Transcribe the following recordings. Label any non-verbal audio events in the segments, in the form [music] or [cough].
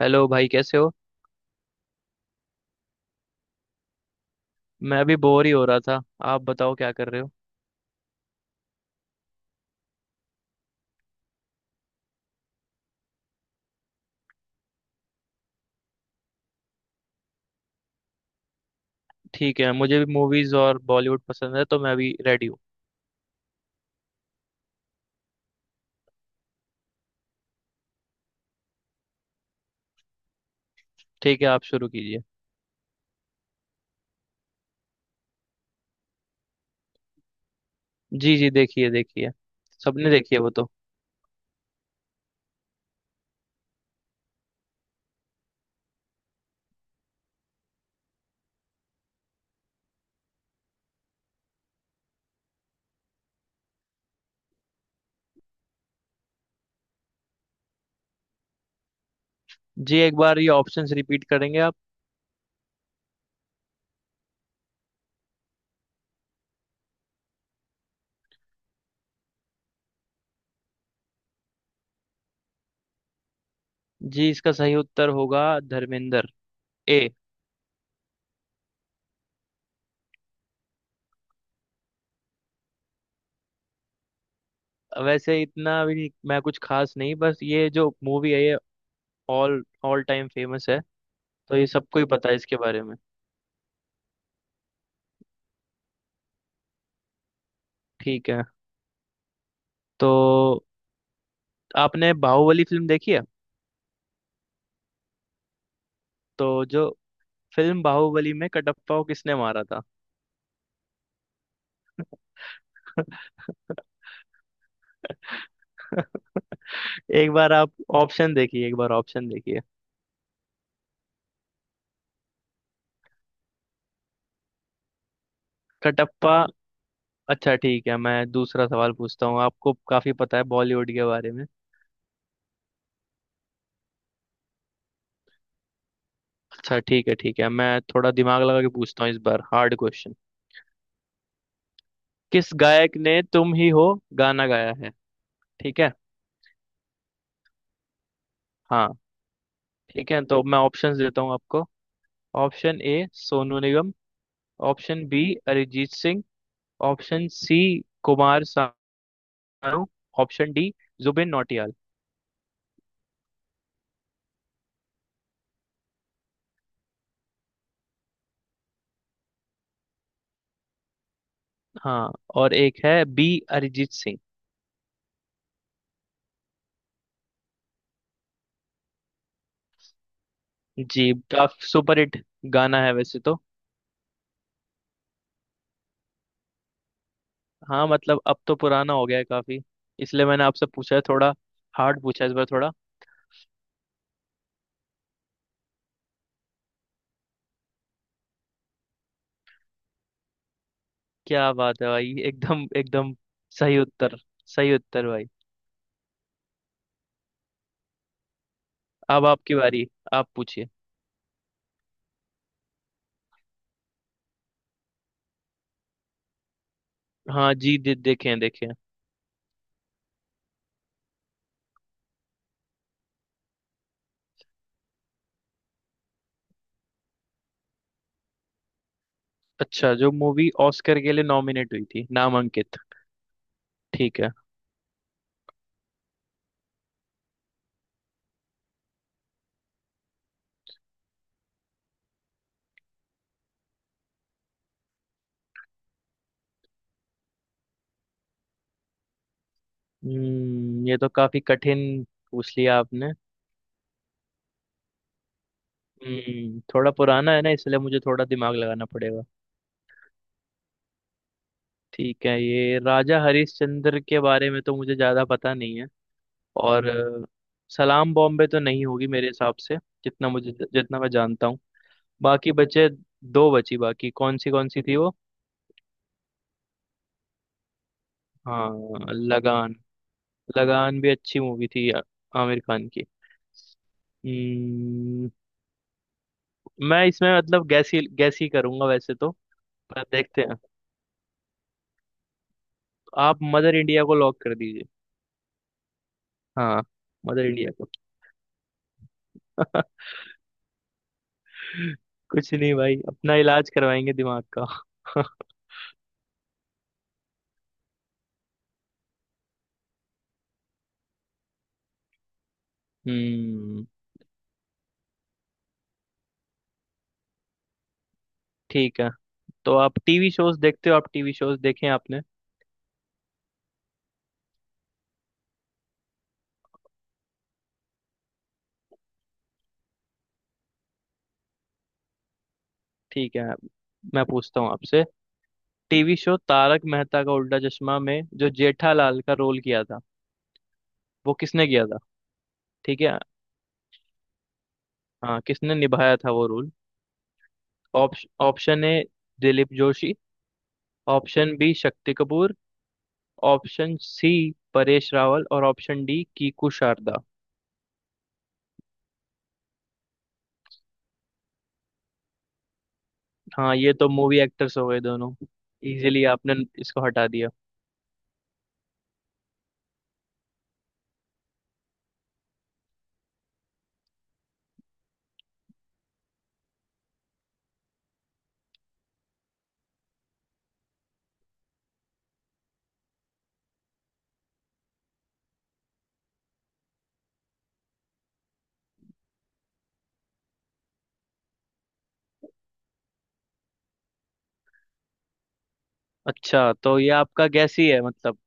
Hello भाई कैसे हो। मैं अभी बोर ही हो रहा था। आप बताओ क्या कर रहे हो। ठीक है, मुझे भी मूवीज और बॉलीवुड पसंद है तो मैं अभी रेडी हूँ। ठीक है, आप शुरू कीजिए। जी जी, देखिए देखिए। सबने देखी है वो तो। जी, एक बार ये ऑप्शंस रिपीट करेंगे आप। जी, इसका सही उत्तर होगा धर्मेंद्र। ए। वैसे इतना भी नहीं- मैं कुछ खास नहीं, बस ये जो मूवी है ये ऑल ऑल टाइम फेमस है। तो ये सबको ही पता है इसके बारे में। ठीक है, तो आपने बाहुबली फिल्म देखी है। तो जो फिल्म बाहुबली में कटप्पा को किसने मारा था। [laughs] एक बार आप ऑप्शन देखिए, एक बार ऑप्शन देखिए। कटप्पा। अच्छा ठीक है, मैं दूसरा सवाल पूछता हूँ, आपको काफी पता है बॉलीवुड के बारे में। अच्छा ठीक है ठीक है, मैं थोड़ा दिमाग लगा के पूछता हूँ इस बार, हार्ड क्वेश्चन। किस गायक ने तुम ही हो गाना गाया है। ठीक है। हाँ। ठीक है, तो मैं ऑप्शंस देता हूँ आपको। Option A Sonu Nigam. Option B Arijit Singh. Option C Kumar Sanu. Option D Zubin Nautiyal. हाँ और एक है बी, अरिजीत सिंह। जी, काफी सुपर हिट गाना है वैसे तो। हाँ मतलब अब तो पुराना हो गया है काफी, इसलिए मैंने आपसे पूछा है थोड़ा हार्ड, पूछा है इस बार थोड़ा। क्या बात है भाई, एकदम एकदम सही उत्तर, सही उत्तर भाई। अब आपकी बारी, आप पूछिए। हाँ जी, देखे हैं देखे हैं। अच्छा, जो मूवी ऑस्कर के लिए नॉमिनेट हुई थी, नामांकित। ठीक है। हम्म, ये तो काफी कठिन पूछ लिया आपने। हम्म, थोड़ा पुराना है ना, इसलिए मुझे थोड़ा दिमाग लगाना पड़ेगा। ठीक है, ये राजा हरिश्चंद्र के बारे में तो मुझे ज्यादा पता नहीं है। और सलाम बॉम्बे तो नहीं होगी मेरे हिसाब से, जितना मुझे, जितना मैं जानता हूँ। बाकी बचे दो, बची बाकी कौन सी थी वो। हाँ, लगान। लगान भी अच्छी मूवी थी आमिर खान की। हम्म, मैं इसमें मतलब गैस ही करूंगा वैसे तो। पर देखते हैं, आप मदर इंडिया को लॉक कर दीजिए। हाँ, मदर इंडिया को। [laughs] कुछ नहीं भाई, अपना इलाज करवाएंगे दिमाग का। [laughs] हम्म। ठीक है, तो आप टीवी शोज देखते हो, आप टीवी शोज देखे हैं आपने। ठीक है, मैं पूछता हूँ आपसे। टीवी शो तारक मेहता का उल्टा चश्मा में जो जेठालाल का रोल किया था, वो किसने किया था। ठीक है। हाँ, किसने निभाया था वो role. Option A Dilip Joshi. Option B Shakti Kapoor. Option C Paresh Rawal. और ऑप्शन डी कीकू शारदा। हाँ ये तो मूवी एक्टर्स हो गए दोनों, इजीली आपने इसको हटा दिया। अच्छा, तो ये आपका गैस ही है मतलब।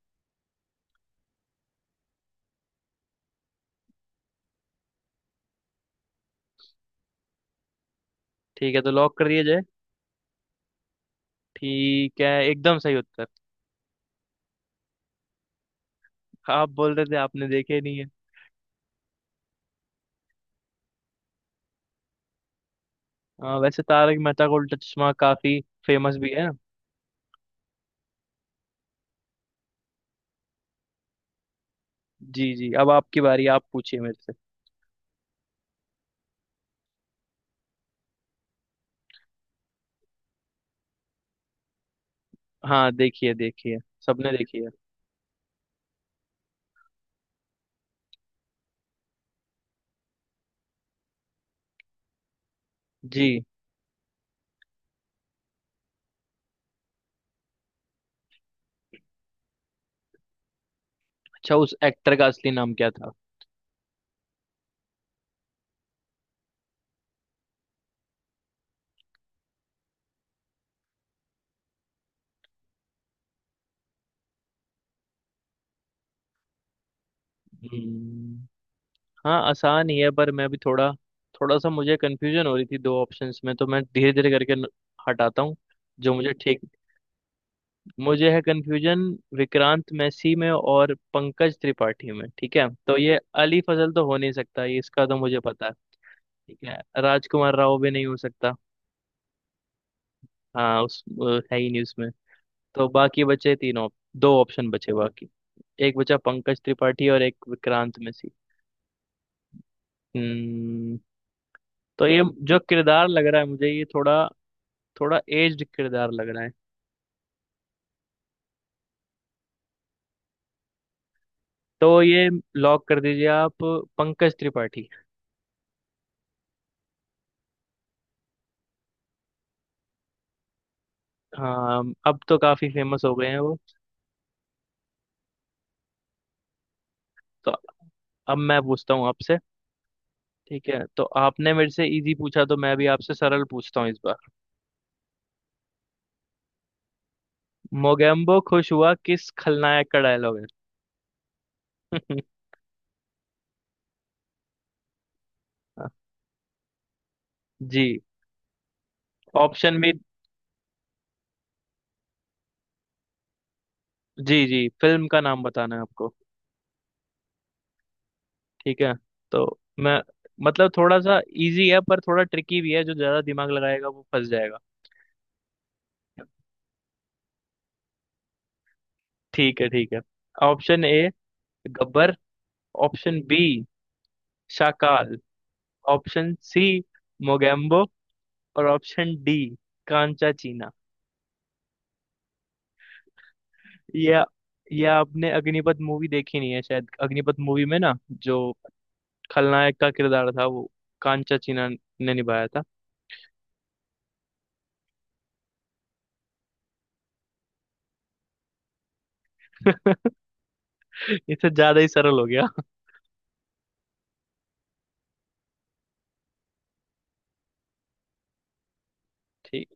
ठीक है, तो लॉक कर दिया जाए। ठीक है, एकदम सही उत्तर। आप बोल रहे थे आपने देखे नहीं है। हाँ, वैसे तारक मेहता का उल्टा चश्मा काफी फेमस भी है। जी जी, अब आपकी बारी, आप पूछिए मेरे से। हाँ देखिए देखिए, सबने देखी है। जी। अच्छा, उस एक्टर का असली नाम क्या था। हम्म, हाँ आसान ही है, पर मैं भी थोड़ा, थोड़ा सा मुझे कंफ्यूजन हो रही थी दो ऑप्शंस में, तो मैं धीरे धीरे करके हटाता हूँ। जो मुझे ठीक मुझे है कंफ्यूजन विक्रांत मैसी में और पंकज त्रिपाठी में। ठीक है, तो ये अली फजल तो हो नहीं सकता, ये इसका तो मुझे पता है। ठीक है, राजकुमार राव भी नहीं हो सकता। हाँ, उस वो है ही नहीं उसमें। तो बाकी बचे तीन ऑप दो ऑप्शन बचे बाकी। एक बचा पंकज त्रिपाठी और एक विक्रांत मैसी। हम्म। तो ये जो किरदार लग रहा है मुझे, ये थोड़ा, थोड़ा एज्ड किरदार लग रहा है। तो ये लॉक कर दीजिए आप, पंकज त्रिपाठी। हाँ, अब तो काफी फेमस हो गए हैं वो। तो अब मैं पूछता हूँ आपसे। ठीक है, तो आपने मेरे से इजी पूछा तो मैं भी आपसे सरल पूछता हूँ इस बार। मोगेम्बो खुश हुआ किस खलनायक का डायलॉग है। [laughs] जी। ऑप्शन भी। जी जी, फिल्म का नाम बताना है आपको। ठीक है, तो मैं, मतलब थोड़ा सा इजी है पर थोड़ा ट्रिकी भी है, जो ज्यादा दिमाग लगाएगा वो फंस जाएगा। ठीक है ठीक है। Option A Gabbar. Option B Shakaal. Option C Mogambo. और ऑप्शन डी कांचा चीना। या या आपने अग्निपथ मूवी देखी नहीं है शायद, अग्निपथ मूवी में ना, जो खलनायक का किरदार था वो कांचा चीना ने निभाया था। [laughs] इससे ज्यादा ही सरल हो गया। ठीक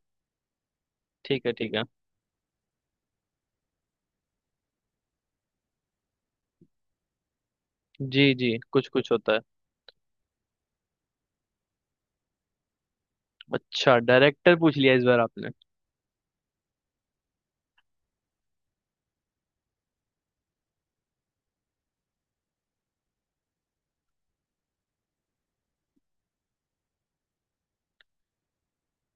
ठीक है ठीक है। जी जी, कुछ कुछ होता है। अच्छा, डायरेक्टर पूछ लिया इस बार आपने।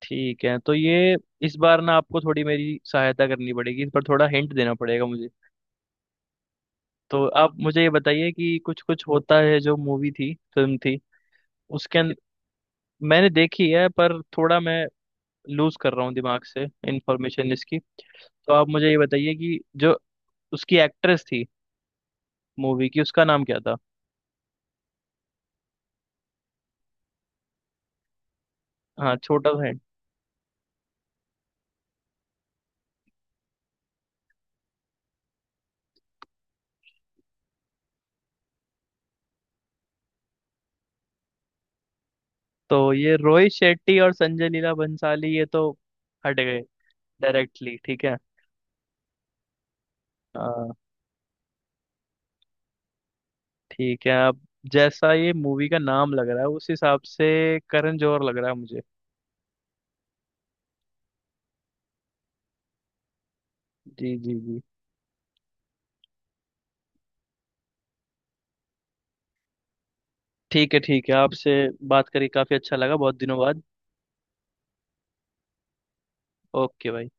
ठीक है, तो ये इस बार ना आपको थोड़ी मेरी सहायता करनी पड़ेगी, इस बार थोड़ा हिंट देना पड़ेगा मुझे। तो आप मुझे ये बताइए कि कुछ कुछ होता है जो मूवी थी, फिल्म थी उसके अंदर, मैंने देखी है पर थोड़ा मैं लूज कर रहा हूँ दिमाग से इंफॉर्मेशन इसकी। तो आप मुझे ये बताइए कि जो उसकी एक्ट्रेस थी मूवी की, उसका नाम क्या था। हाँ, छोटा सा hint। तो ये रोहित शेट्टी और संजय लीला बंसाली ये तो हट गए डायरेक्टली। ठीक है। हाँ ठीक है, अब जैसा ये मूवी का नाम लग रहा है उस हिसाब से करण जौहर लग रहा है मुझे। जी जी जी। ठीक है ठीक है, आपसे बात करके काफी अच्छा लगा बहुत दिनों बाद। ओके भाई।